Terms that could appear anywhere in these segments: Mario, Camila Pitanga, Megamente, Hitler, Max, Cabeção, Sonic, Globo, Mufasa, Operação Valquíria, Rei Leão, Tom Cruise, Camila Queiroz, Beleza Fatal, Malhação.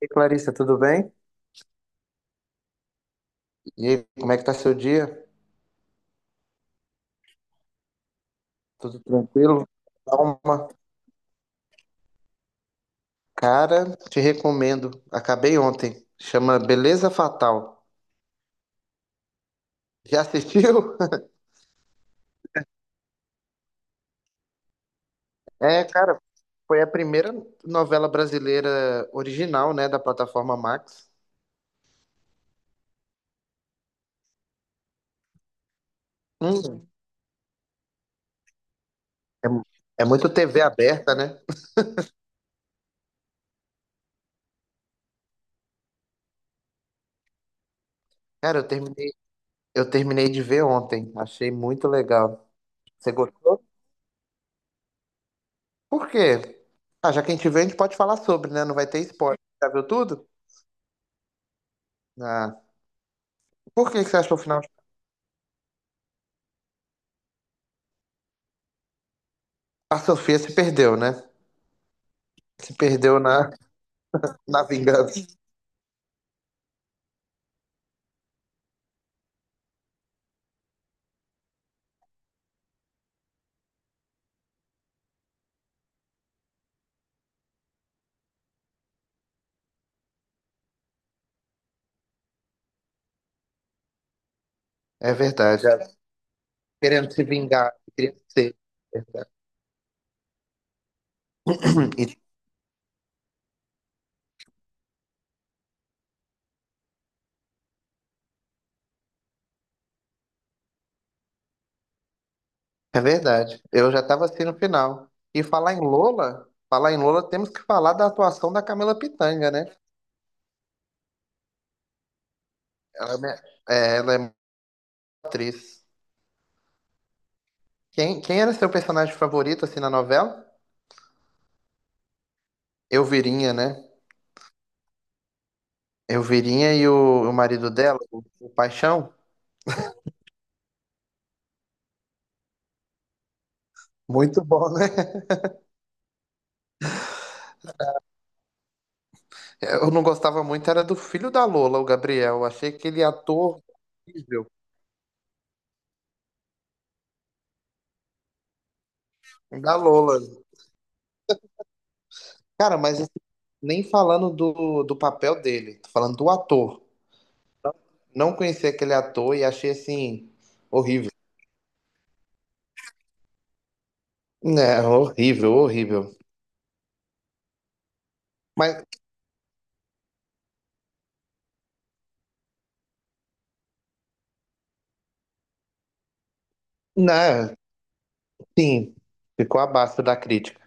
E Clarissa, tudo bem? E aí, como é que tá seu dia? Tudo tranquilo? Calma. Cara, te recomendo. Acabei ontem. Chama Beleza Fatal. Já assistiu? É, cara, foi a primeira novela brasileira original, né, da plataforma Max. Hum, é, mu- é muito TV aberta, né? Cara, eu terminei de ver ontem. Achei muito legal. Você gostou? Por quê? Ah, já que a gente vê, a gente pode falar sobre, né? Não vai ter spoiler. Já viu tudo? Ah. Por que que você acha que o final? A Sofia se perdeu, né? Se perdeu na, na vingança. É verdade. Ela Querendo se vingar, querendo ser. É verdade. E- é verdade. Eu já estava assim no final. E falar em Lola, temos que falar da atuação da Camila Pitanga, né? Ela é, minha- É, ela é uma atriz. Quem era seu personagem favorito assim na novela? Elvirinha, né? Elvirinha e o marido dela, o Paixão. Muito bom, né? Eu não gostava muito, era do filho da Lola, o Gabriel. Eu achei aquele ator horrível da Lola. Cara, mas assim, nem falando do papel dele, tô falando do ator. Não conheci aquele ator e achei assim, horrível. Né, horrível, horrível. Mas, né, sim, ficou abaixo da crítica.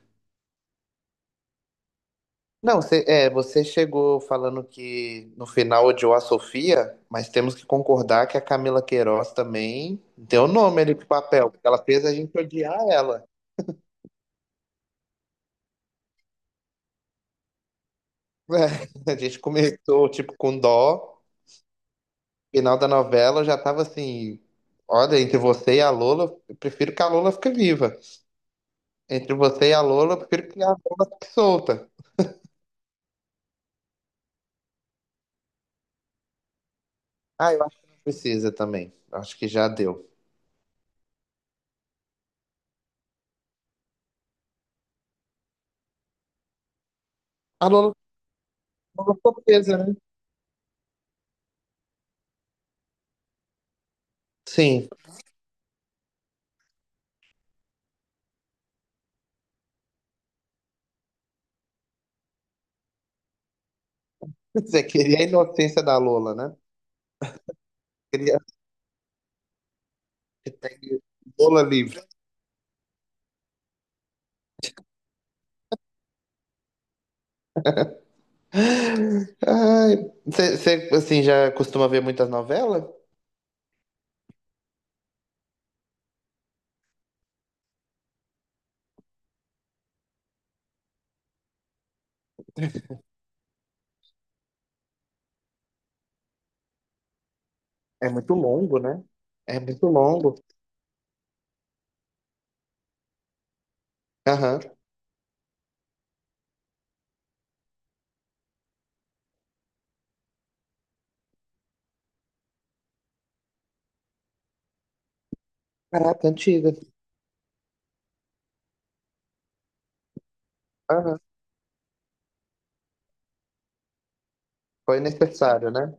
Não, você chegou falando que no final odiou a Sofia, mas temos que concordar que a Camila Queiroz também deu nome ali pro papel, porque ela fez a gente odiar ela. É, a gente começou, tipo, com dó. Final da novela já tava assim: olha, entre você e a Lola, eu prefiro que a Lola fique viva. Entre você e a Lola, eu prefiro que a Lola fique solta. Ah, eu acho que não precisa também. Eu acho que já deu. A Lola, a Lola ficou presa, né? Sim. Você queria a inocência da Lola, né? Queria que Lola livre. Ai, você, assim, já costuma ver muitas novelas? É muito longo, né? É muito longo. Aham. Caraca, antiga. Foi necessário, né?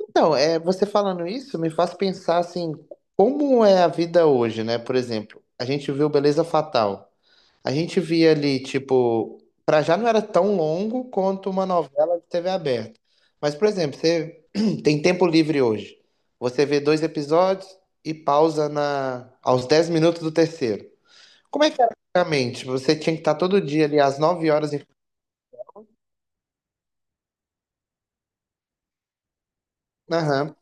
Então, é, você falando isso me faz pensar assim, como é a vida hoje, né? Por exemplo, a gente viu Beleza Fatal. A gente via ali, tipo, pra já não era tão longo quanto uma novela de TV aberta. Mas, por exemplo, você tem tempo livre hoje. Você vê dois episódios e pausa na aos 10 minutos do terceiro. Como é que era antigamente? Você tinha que estar todo dia ali às 9 horas em... Aham.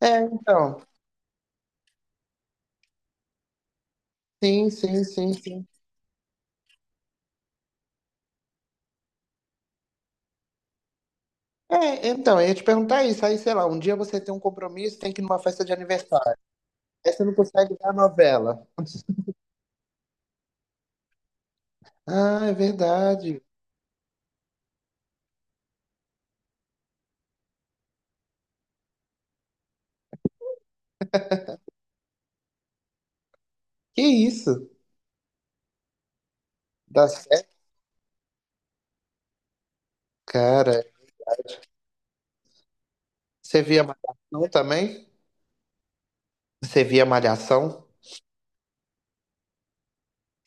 É, então. Sim, sim, sim, sim. É, então, eu ia te perguntar isso. Aí, sei lá, um dia você tem um compromisso, tem que ir numa festa de aniversário. Aí você não consegue ver a novela. Ah, é verdade. Que isso? Dá certo? Cara, você via Malhação também? Você via Malhação?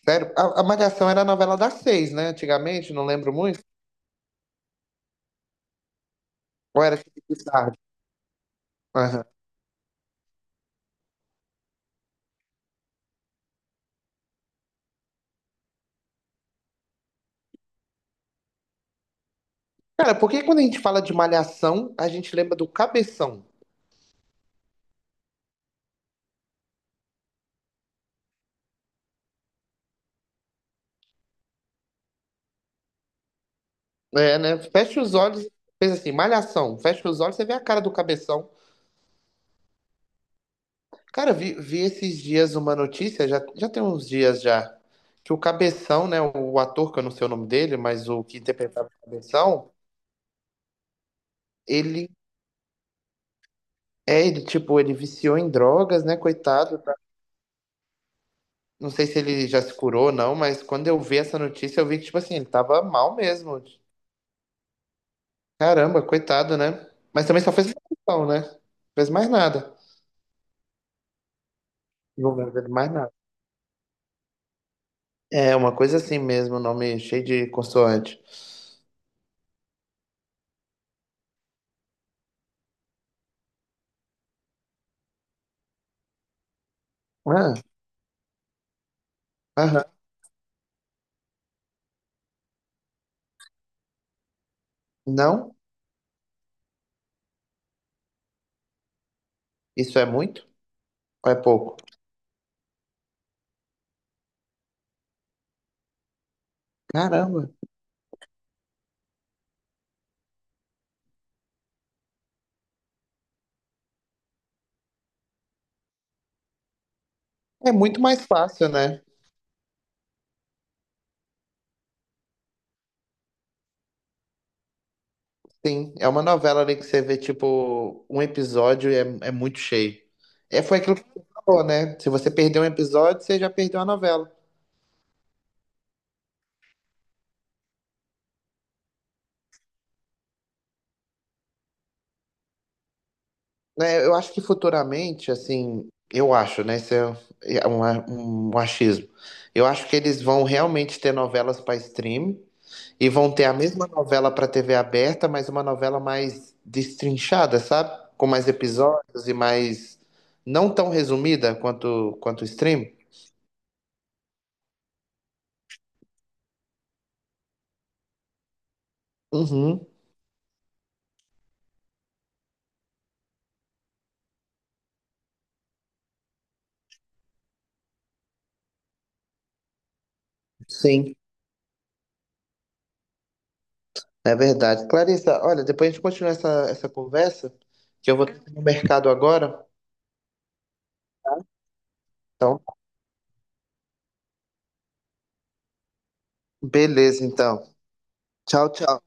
Sério? A Malhação era a novela das seis, né? Antigamente, não lembro muito. Ou era tipo de tarde? Aham. Cara, por que quando a gente fala de Malhação, a gente lembra do Cabeção? É, né? Fecha os olhos, pensa assim, Malhação. Fecha os olhos, você vê a cara do Cabeção. Cara, vi esses dias uma notícia, já tem uns dias já, que o Cabeção, né, o ator, que eu não sei o nome dele, mas o que interpretava o Cabeção, ele é, ele viciou em drogas, né, coitado. Tá? Não sei se ele já se curou ou não, mas quando eu vi essa notícia, eu vi que, tipo assim, ele tava mal mesmo. Caramba, coitado, né? Mas também só fez maldição, né? Não fez mais nada. Não lembro dele mais nada. É, uma coisa assim mesmo, nome cheio de consoante. Ah, aham. Não? Isso é muito? Ou é pouco? Caramba. É muito mais fácil, né? Sim, é uma novela ali que você vê, tipo, um episódio é, é muito cheio. É, foi aquilo que você falou, né? Se você perdeu um episódio, você já perdeu a novela. Né? Eu acho que futuramente, assim, eu acho, né? Isso é um achismo. Eu acho que eles vão realmente ter novelas para stream. E vão ter a mesma novela para TV aberta, mas uma novela mais destrinchada, sabe? Com mais episódios e mais. Não tão resumida quanto o stream. Uhum, sim, é verdade. Clarissa, olha, depois a gente continua essa conversa, que eu vou ter que ir no mercado agora. Então, beleza, então. Tchau, tchau.